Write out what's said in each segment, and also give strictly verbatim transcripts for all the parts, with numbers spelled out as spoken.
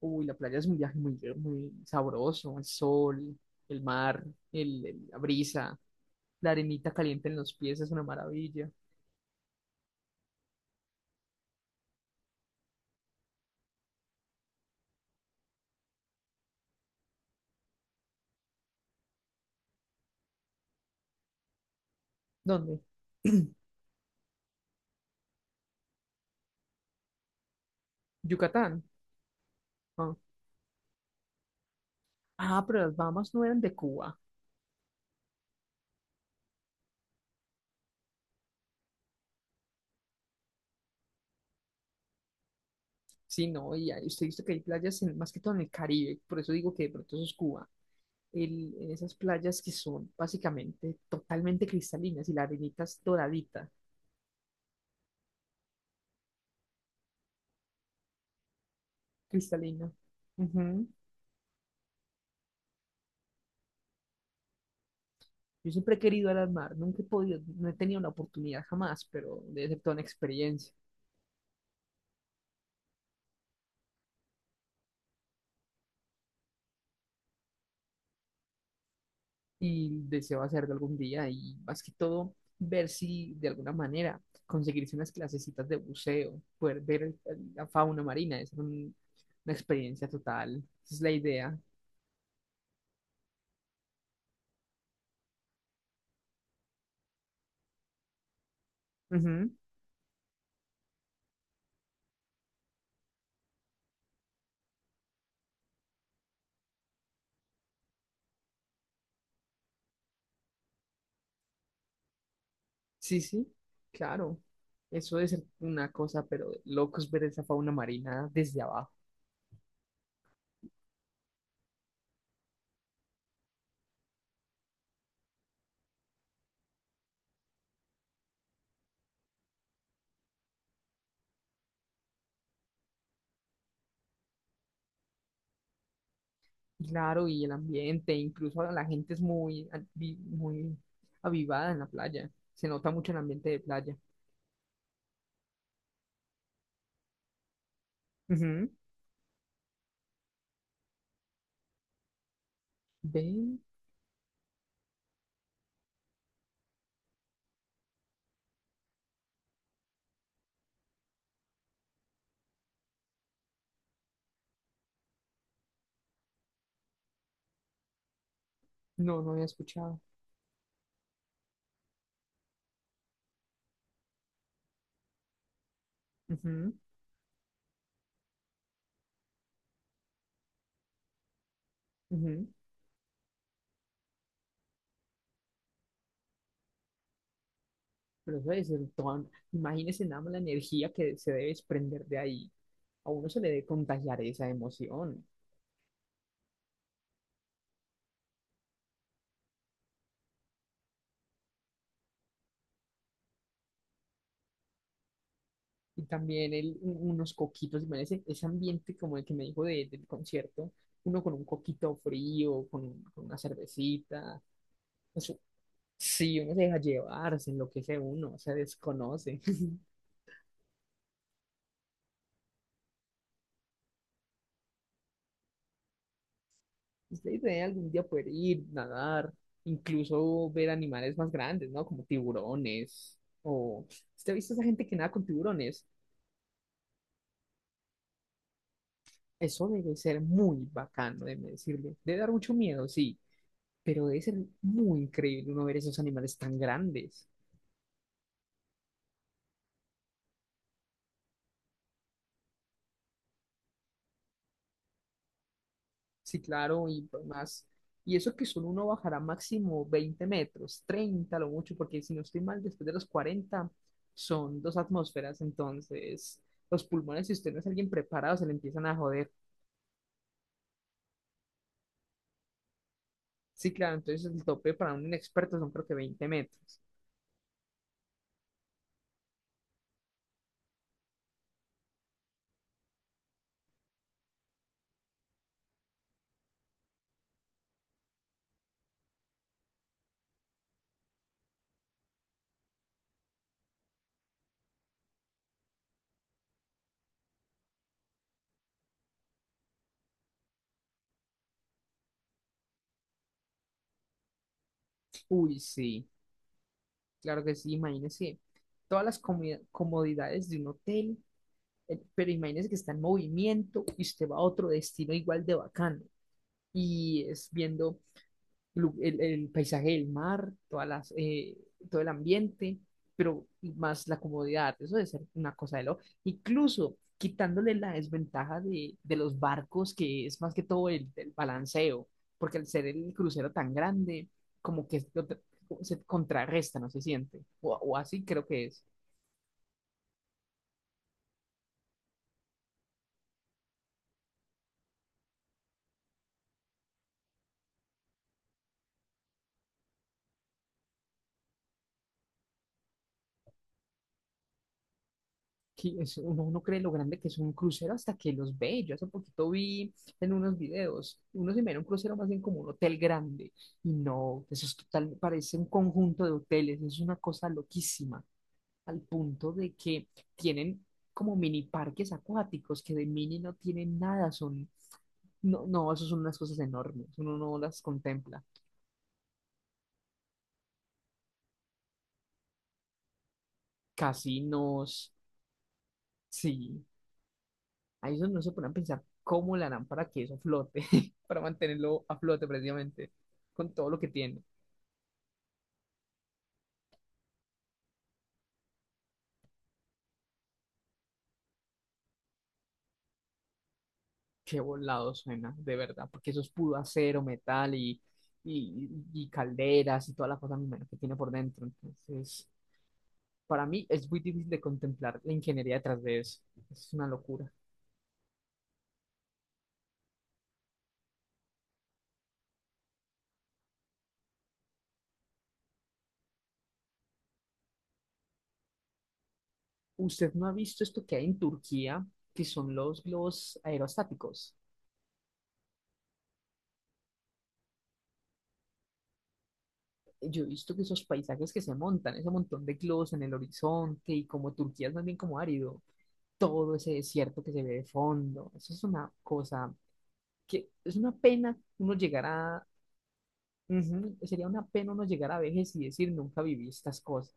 Uy, la playa es un viaje muy, muy sabroso, el sol, el mar, el, el- la brisa, la arenita caliente en los pies es una maravilla. ¿Dónde? Yucatán. Ah, Ah, pero las Bahamas no eran de Cuba. Sí, no, y ahí usted visto que hay playas en- más que todo en el Caribe, por eso digo que de pronto eso es Cuba. El- en esas playas que son básicamente totalmente cristalinas y la arenita es doradita, cristalina. Ujú. Yo siempre he querido ir al mar, nunca he podido, no he tenido la oportunidad jamás, pero debe ser toda una experiencia y deseo hacerlo algún día y más que todo ver si de alguna manera conseguirse unas clasecitas de buceo, poder ver el- el- la fauna marina, es un- una experiencia total, esa es la idea. Ujú. Sí, sí, claro. Eso es una cosa, pero de locos ver esa fauna marina desde abajo. Claro, y el ambiente, incluso ahora la gente es muy, avi- muy avivada en la playa. Se nota mucho el ambiente de playa. Ujú. ¿Ven? No, no había escuchado. Ujú, ujú. Pero eso debe ser toda... Imagínese nada más la energía que se debe desprender de ahí. A uno se le debe contagiar esa emoción. Y también el, un- unos coquitos, imagínese ese ambiente como el que me dijo de- del concierto. Uno con un coquito frío, con, un- con una cervecita. Eso, sí, uno se deja llevar, se enloquece uno, se desconoce. Ustedes deben algún día poder ir, nadar, incluso ver animales más grandes, ¿no? Como tiburones. O, ¿usted ha visto esa gente que nada con tiburones? Eso debe ser muy bacano, déjeme decirle. Debe dar mucho miedo, sí, pero debe ser muy increíble uno ver esos animales tan grandes. Sí, claro, y pues, más. Y eso que solo uno bajará máximo veinte metros, treinta lo mucho, porque si no estoy mal, después de los cuarenta son dos atmósferas, entonces los pulmones, si usted no es alguien preparado, se le empiezan a joder. Sí, claro, entonces el tope para un inexperto son creo que veinte metros. Uy, sí, claro que sí, imagínese todas las comi- comodidades de un hotel. Eh, Pero imagínese que está en movimiento y usted va a otro destino igual de bacano. Y es viendo lu- el, el paisaje del mar, todas las, eh, todo el ambiente, pero más la comodidad. Eso debe ser una cosa de lo. Incluso quitándole la desventaja de, de los barcos, que es más que todo el, el balanceo, porque al ser el crucero tan grande, como que lo tra- se contrarresta, no se siente. O, o así creo que es. Que es- uno no cree lo grande que es un crucero hasta que los ve. Yo hace poquito vi en unos videos, uno se mira un crucero más bien como un hotel grande. Y no, eso es total, parece un conjunto de hoteles, es una cosa loquísima, al punto de que tienen como mini parques acuáticos, que de mini no tienen nada, son, no, no, eso son unas cosas enormes, uno no las contempla. Casinos, sí. Ahí es donde no se ponen a pensar cómo le harán para que eso flote, para mantenerlo a flote precisamente, con todo lo que tiene. Qué volado suena, de verdad, porque eso es puro acero, metal y, y, y calderas y toda la cosa me imagino, que tiene por dentro. Entonces, para mí es muy difícil de contemplar la ingeniería detrás de eso. Es una locura. ¿Usted no ha visto esto que hay en Turquía, que son los globos aerostáticos? Yo he visto que esos paisajes que se montan, ese montón de globos en el horizonte y como Turquía es más bien como árido, todo ese desierto que se ve de fondo. Eso es una cosa que es una pena uno llegar a, ujú, sería una pena uno llegar a vejez y decir nunca viví estas cosas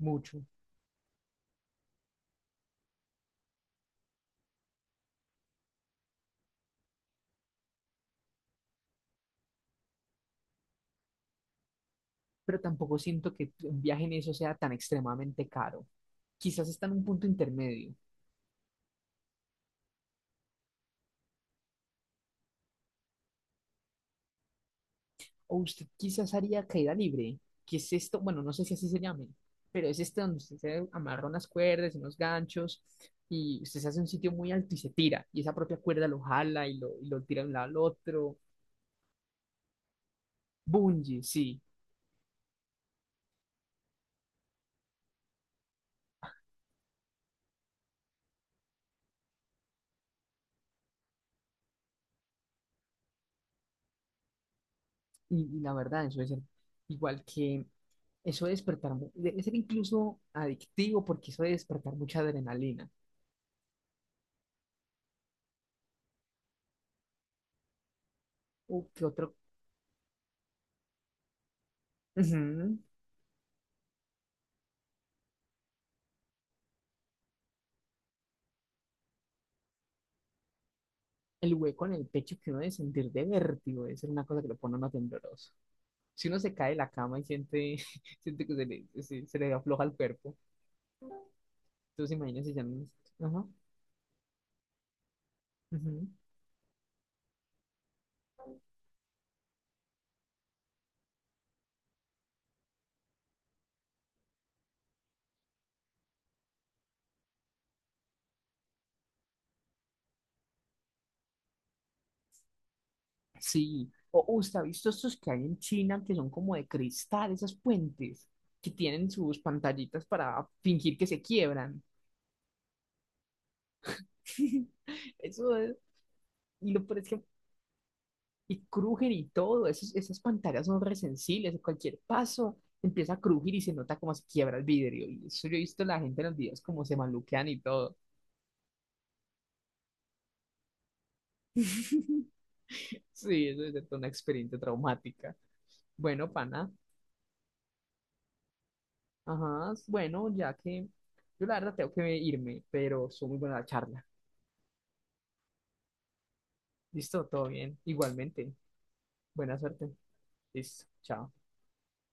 mucho, pero tampoco siento que un viaje en eso sea tan extremadamente caro. Quizás está en un punto intermedio, o usted quizás haría caída libre, que es esto, bueno, no sé si así se llame, pero es este donde usted se amarra unas cuerdas, unos ganchos, y usted se hace un sitio muy alto y se tira, y esa propia cuerda lo jala y lo, y lo tira de un lado al otro. Bungie, sí. Y, y la verdad, eso es igual que eso de despertar, mu- debe ser incluso adictivo porque eso de despertar mucha adrenalina. O que otro, ujú. El hueco en el pecho que uno debe sentir de vértigo, debe ser una cosa que lo pone a uno tembloroso. Si uno se cae de la cama y siente, siente que se le, se, se le afloja el cuerpo, entonces imagínese ya no. Ajá. Ujú. Sí, o o usted ha visto estos que hay en China que son como de cristal, esos puentes que tienen sus pantallitas para fingir que se quiebran. Eso es, y lo peor es que, y crujen y todo, esos, esas pantallas son resensibles, cualquier paso empieza a crujir y se nota como se quiebra el vidrio. Y eso yo he visto la gente en los videos como se maluquean y todo. Sí, eso es de toda una experiencia traumática. Bueno, pana, ajá, bueno, ya que yo la verdad tengo que irme, pero fue muy buena la charla. Listo, todo bien. Igualmente, buena suerte. Listo, chao.